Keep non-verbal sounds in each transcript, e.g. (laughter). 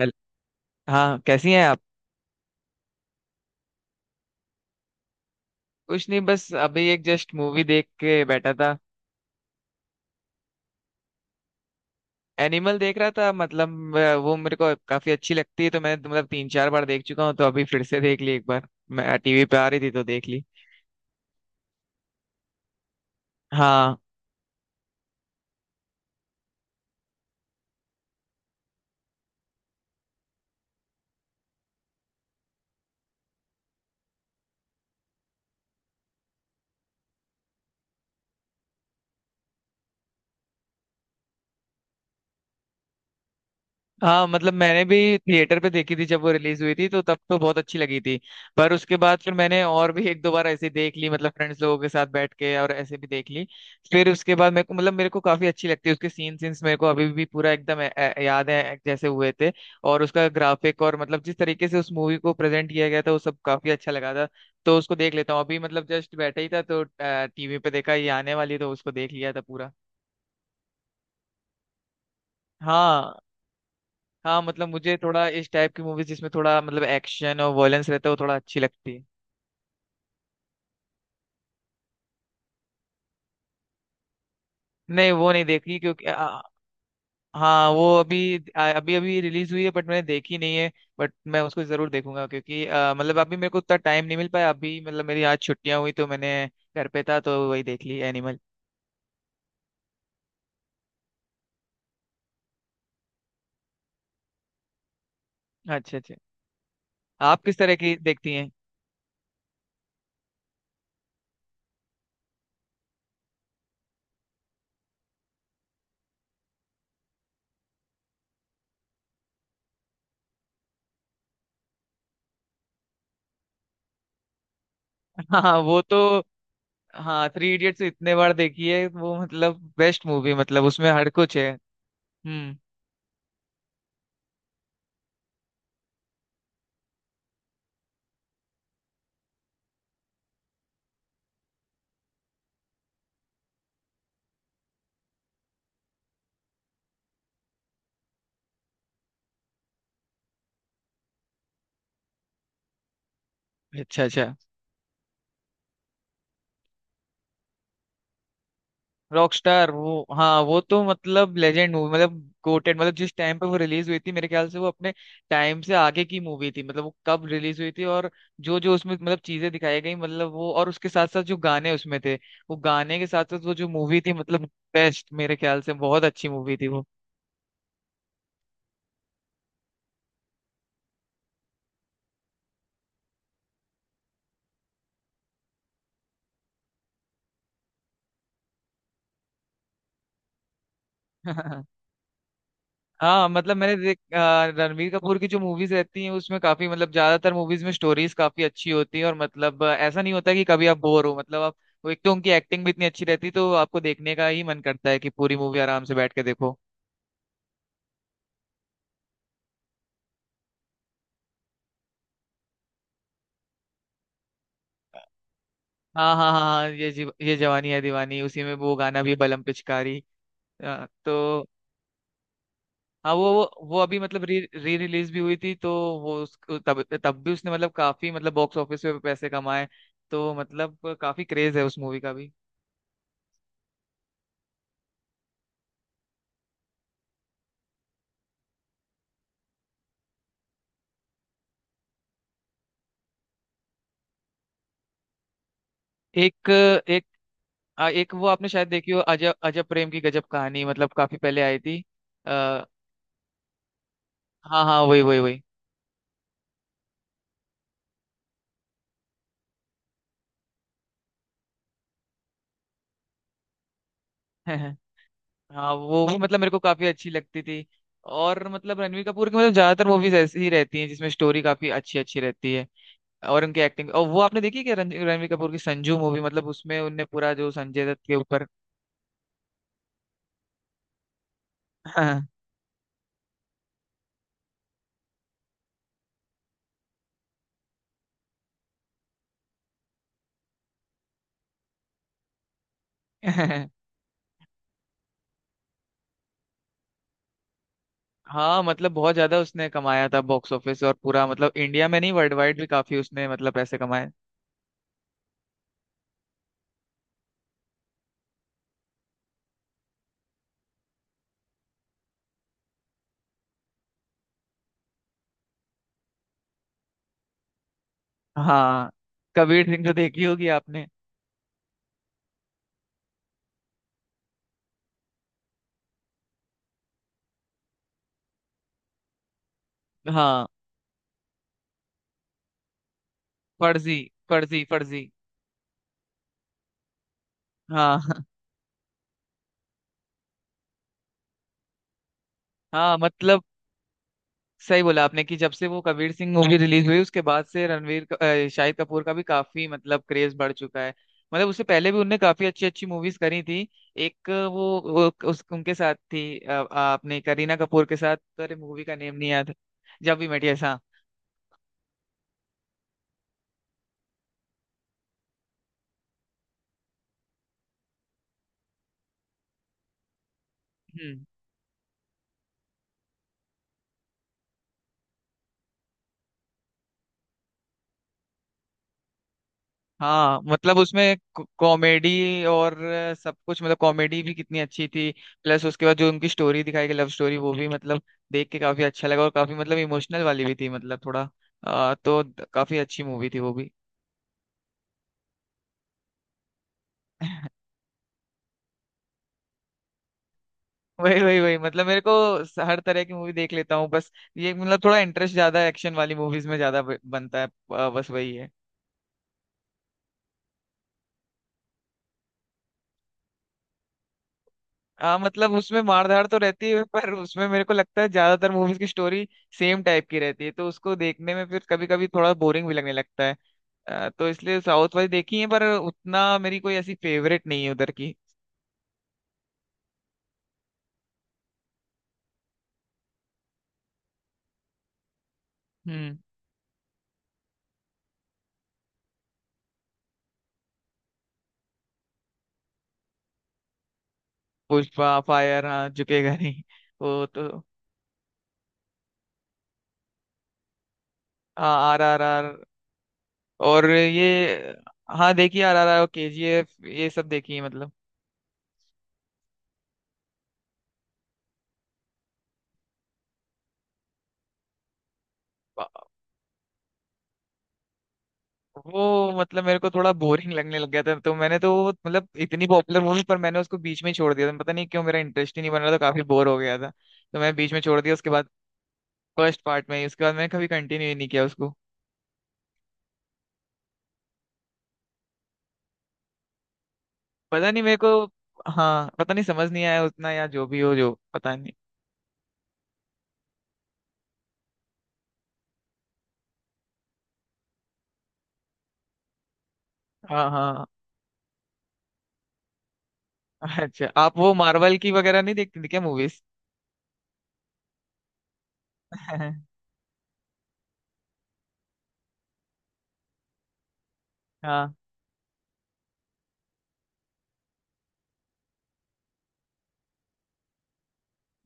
Hello- हाँ, कैसी हैं आप। कुछ नहीं, बस अभी एक जस्ट मूवी देख के बैठा था। एनिमल देख रहा था, मतलब वो मेरे को काफी अच्छी लगती है, तो मैं मतलब तीन चार बार देख चुका हूँ, तो अभी फिर से देख ली एक बार। मैं टीवी पे आ रही थी तो देख ली। हाँ, हाँ, मतलब मैंने भी थिएटर पे देखी थी जब वो रिलीज हुई थी, तो तब तो बहुत अच्छी लगी थी। पर उसके बाद फिर मैंने और भी एक दो बार ऐसे देख ली, मतलब फ्रेंड्स लोगों के साथ बैठ के, और ऐसे भी देख ली। फिर उसके बाद मेरे को, मतलब मेरे को काफी अच्छी लगती है। उसके सीन्स मेरे को अभी भी पूरा एकदम याद है जैसे हुए थे। और उसका ग्राफिक, और मतलब जिस तरीके से उस मूवी को प्रेजेंट किया गया था, वो सब काफी अच्छा लगा था। तो उसको देख लेता हूँ अभी, मतलब जस्ट बैठा ही था, तो टीवी पे देखा ये आने वाली, तो उसको देख लिया था पूरा। हाँ, हाँ, मतलब मुझे थोड़ा इस टाइप की मूवीज जिसमें थोड़ा मतलब एक्शन और वॉयलेंस रहता है, वो थोड़ा अच्छी लगती है। नहीं, वो नहीं देखी क्योंकि हाँ, वो अभी अभी अभी रिलीज हुई है, बट मैंने देखी नहीं है। बट मैं उसको जरूर देखूंगा क्योंकि मतलब अभी मेरे को उतना टाइम नहीं मिल पाया। अभी, मतलब मेरी आज छुट्टियां हुई तो मैंने घर पे था तो वही देख ली एनिमल। अच्छा, अच्छा। आप किस तरह की देखती हैं? (laughs) हाँ, वो तो। हाँ, थ्री इडियट्स इतने बार देखी है वो, मतलब बेस्ट मूवी, मतलब उसमें हर कुछ है। हम्म। अच्छा, अच्छा। रॉकस्टार, वो, हाँ, वो तो मतलब लेजेंड मूवी, मतलब गोटेड। मतलब जिस टाइम पे वो रिलीज हुई थी, मेरे ख्याल से वो अपने टाइम से आगे की मूवी थी। मतलब वो कब रिलीज हुई थी, और जो जो उसमें मतलब चीजें दिखाई गई, मतलब वो, और उसके साथ साथ जो गाने उसमें थे, वो गाने के साथ साथ वो जो मूवी थी, मतलब बेस्ट, मेरे ख्याल से बहुत अच्छी मूवी थी वो। (laughs) हाँ, मतलब मैंने रणवीर कपूर की जो मूवीज रहती हैं उसमें काफी, मतलब ज्यादातर मूवीज में स्टोरीज काफी अच्छी होती है, और मतलब ऐसा नहीं होता कि कभी आप बोर हो, मतलब आप। वो एक तो उनकी एक्टिंग भी इतनी अच्छी रहती है, तो आपको देखने का ही मन करता है कि पूरी मूवी आराम से बैठ के देखो। हाँ, हाँ, हाँ, हाँ, ये ये जवानी है दीवानी, उसी में वो गाना भी बलम पिचकारी। तो। हाँ, वो अभी मतलब री री रिलीज भी हुई थी, तो वो उस तब तब भी उसने मतलब काफी, मतलब बॉक्स ऑफिस पे पैसे कमाए। तो मतलब काफी क्रेज है उस मूवी का भी। एक एक आ, एक वो आपने शायद देखी हो, अजब अजब प्रेम की गजब कहानी, मतलब काफी पहले आई थी। आ, हाँ, हाँ, वही, वही, वही। (laughs) हाँ, वो भी मतलब मेरे को काफी अच्छी लगती थी। और मतलब रणवीर कपूर की, मतलब ज्यादातर मूवीज ऐसी ही रहती हैं जिसमें स्टोरी काफी अच्छी अच्छी रहती है। और उनकी एक्टिंग, और वो आपने देखी है क्या रणवीर कपूर की संजू मूवी? मतलब उसमें उनने पूरा जो संजय दत्त के ऊपर। (laughs) हाँ, मतलब बहुत ज्यादा उसने कमाया था बॉक्स ऑफिस, और पूरा मतलब इंडिया में नहीं, वर्ल्ड वाइड भी काफी उसने मतलब पैसे कमाए। हाँ। कबीर सिंह तो देखी होगी आपने। हाँ, फर्जी, फर्जी, फर्जी, हाँ। (laughs) हाँ, मतलब सही बोला आपने कि जब से वो कबीर सिंह मूवी रिलीज हुई, उसके बाद से शाहिद कपूर का भी काफी मतलब क्रेज बढ़ चुका है। मतलब उससे पहले भी उनने काफी अच्छी अच्छी मूवीज करी थी। एक वो उस उनके साथ थी, आपने करीना कपूर के साथ, अरे, मूवी का नेम नहीं याद। Jab we met, yes. हाँ, हाँ, मतलब उसमें कॉमेडी और सब कुछ, मतलब कॉमेडी भी कितनी अच्छी थी। प्लस उसके बाद जो उनकी स्टोरी दिखाई गई, लव स्टोरी, वो भी मतलब देख के काफी अच्छा लगा, और काफी मतलब इमोशनल वाली भी थी, मतलब थोड़ा तो काफी अच्छी मूवी थी वो भी। (laughs) वही, वही, वही, मतलब मेरे को हर तरह की मूवी देख लेता हूँ बस। ये मतलब थोड़ा इंटरेस्ट ज्यादा एक्शन वाली मूवीज में ज्यादा बनता है। बस वही है। हाँ, मतलब उसमें मारधाड़ तो रहती है, पर उसमें मेरे को लगता है ज्यादातर मूवीज की स्टोरी सेम टाइप की रहती है, तो उसको देखने में फिर कभी कभी थोड़ा बोरिंग भी लगने लगता है। तो इसलिए साउथ वाली देखी है, पर उतना मेरी कोई ऐसी फेवरेट नहीं है उधर की। हम्म। पुष्पा फायर, हाँ, झुकेगा नहीं। वो तो। हाँ, आर आर आर, और ये। हाँ, देखिए, आर आर आर, के जी एफ, ये सब देखी है, मतलब वो मतलब मेरे को थोड़ा बोरिंग लगने लग गया था, तो मैंने तो वो मतलब इतनी पॉपुलर मूवी, पर मैंने उसको बीच में ही छोड़ दिया था, पता नहीं क्यों मेरा इंटरेस्ट ही नहीं बन रहा था, काफी बोर हो गया था, तो मैंने बीच में छोड़ दिया उसके बाद। फर्स्ट पार्ट में ही, उसके बाद मैंने कभी कंटिन्यू ही नहीं किया उसको। पता नहीं मेरे को। हाँ, पता नहीं, समझ नहीं आया उतना, या जो भी हो, जो पता नहीं। हाँ, हाँ। (laughs) अच्छा, आप वो मार्वल की वगैरह नहीं देखते थे क्या मूवीज? (laughs) हाँ।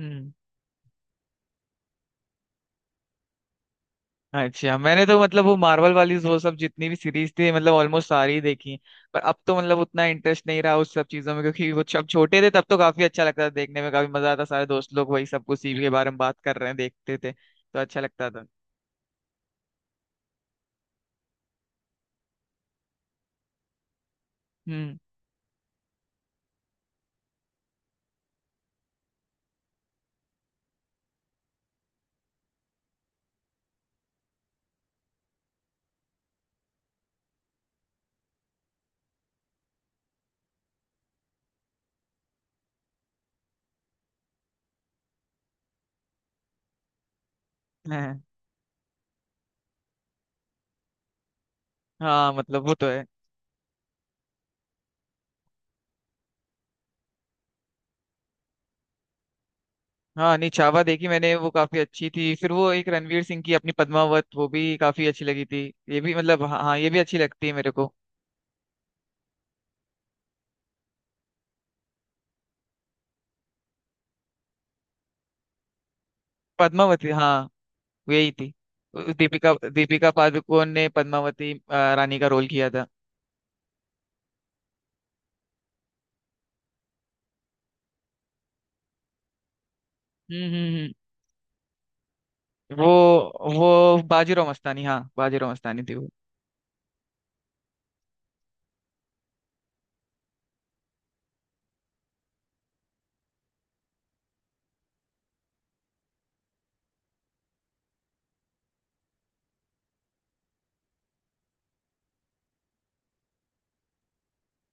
हम्म। अच्छा, मैंने तो मतलब वो मार्वल वाली, वो सब जितनी भी सीरीज थी, मतलब ऑलमोस्ट सारी ही देखी। पर अब तो मतलब उतना इंटरेस्ट नहीं रहा उस सब चीजों में, क्योंकि वो जब छोटे थे तब तो काफी अच्छा लगता था देखने में, काफी मजा आता, सारे दोस्त लोग वही सब कुछ सीवी के बारे में बात कर रहे हैं देखते थे तो अच्छा लगता था। हम्म, हाँ, हाँ, मतलब वो तो है। हाँ, नहीं, चावा देखी मैंने, वो काफी अच्छी थी। फिर वो एक रणवीर सिंह की अपनी पद्मावत, वो भी काफी अच्छी लगी थी। ये भी मतलब, हाँ, हाँ, ये भी अच्छी लगती है मेरे को। पद्मावती, हाँ, यही थी। दीपिका दीपिका पादुकोण ने पद्मावती रानी का रोल किया था। हम्म, हम्म, हम्म। वो वो बाजीराव मस्तानी, हाँ, बाजीराव मस्तानी थी वो।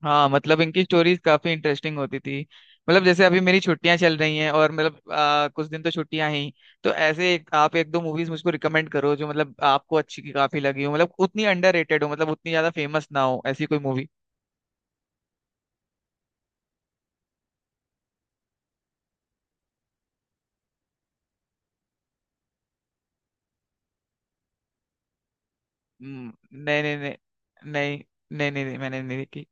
हाँ, मतलब इनकी स्टोरीज काफी इंटरेस्टिंग होती थी। मतलब जैसे अभी मेरी छुट्टियां चल रही हैं, और मतलब कुछ दिन तो छुट्टियां हैं ही। तो ऐसे आप एक दो मूवीज मुझको रिकमेंड करो जो मतलब आपको अच्छी की काफी लगी हो, मतलब उतनी अंडररेटेड हो, मतलब उतनी ज्यादा फेमस ना हो, ऐसी कोई मूवी। नहीं, नहीं, नहीं, नहीं, नहीं, नहीं, नहीं, मैंने नहीं देखी।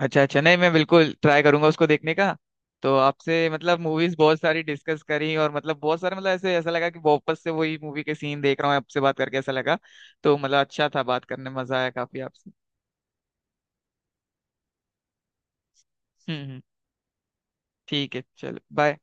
अच्छा, अच्छा, नहीं, मैं बिल्कुल ट्राई करूंगा उसको देखने का। तो आपसे मतलब मूवीज बहुत सारी डिस्कस करी, और मतलब बहुत सारे, मतलब ऐसे ऐसा लगा कि वापस से वही मूवी के सीन देख रहा हूँ, आपसे बात करके ऐसा लगा। तो मतलब अच्छा था, बात करने में मजा आया काफी आपसे। हम्म, ठीक है, चलो, बाय।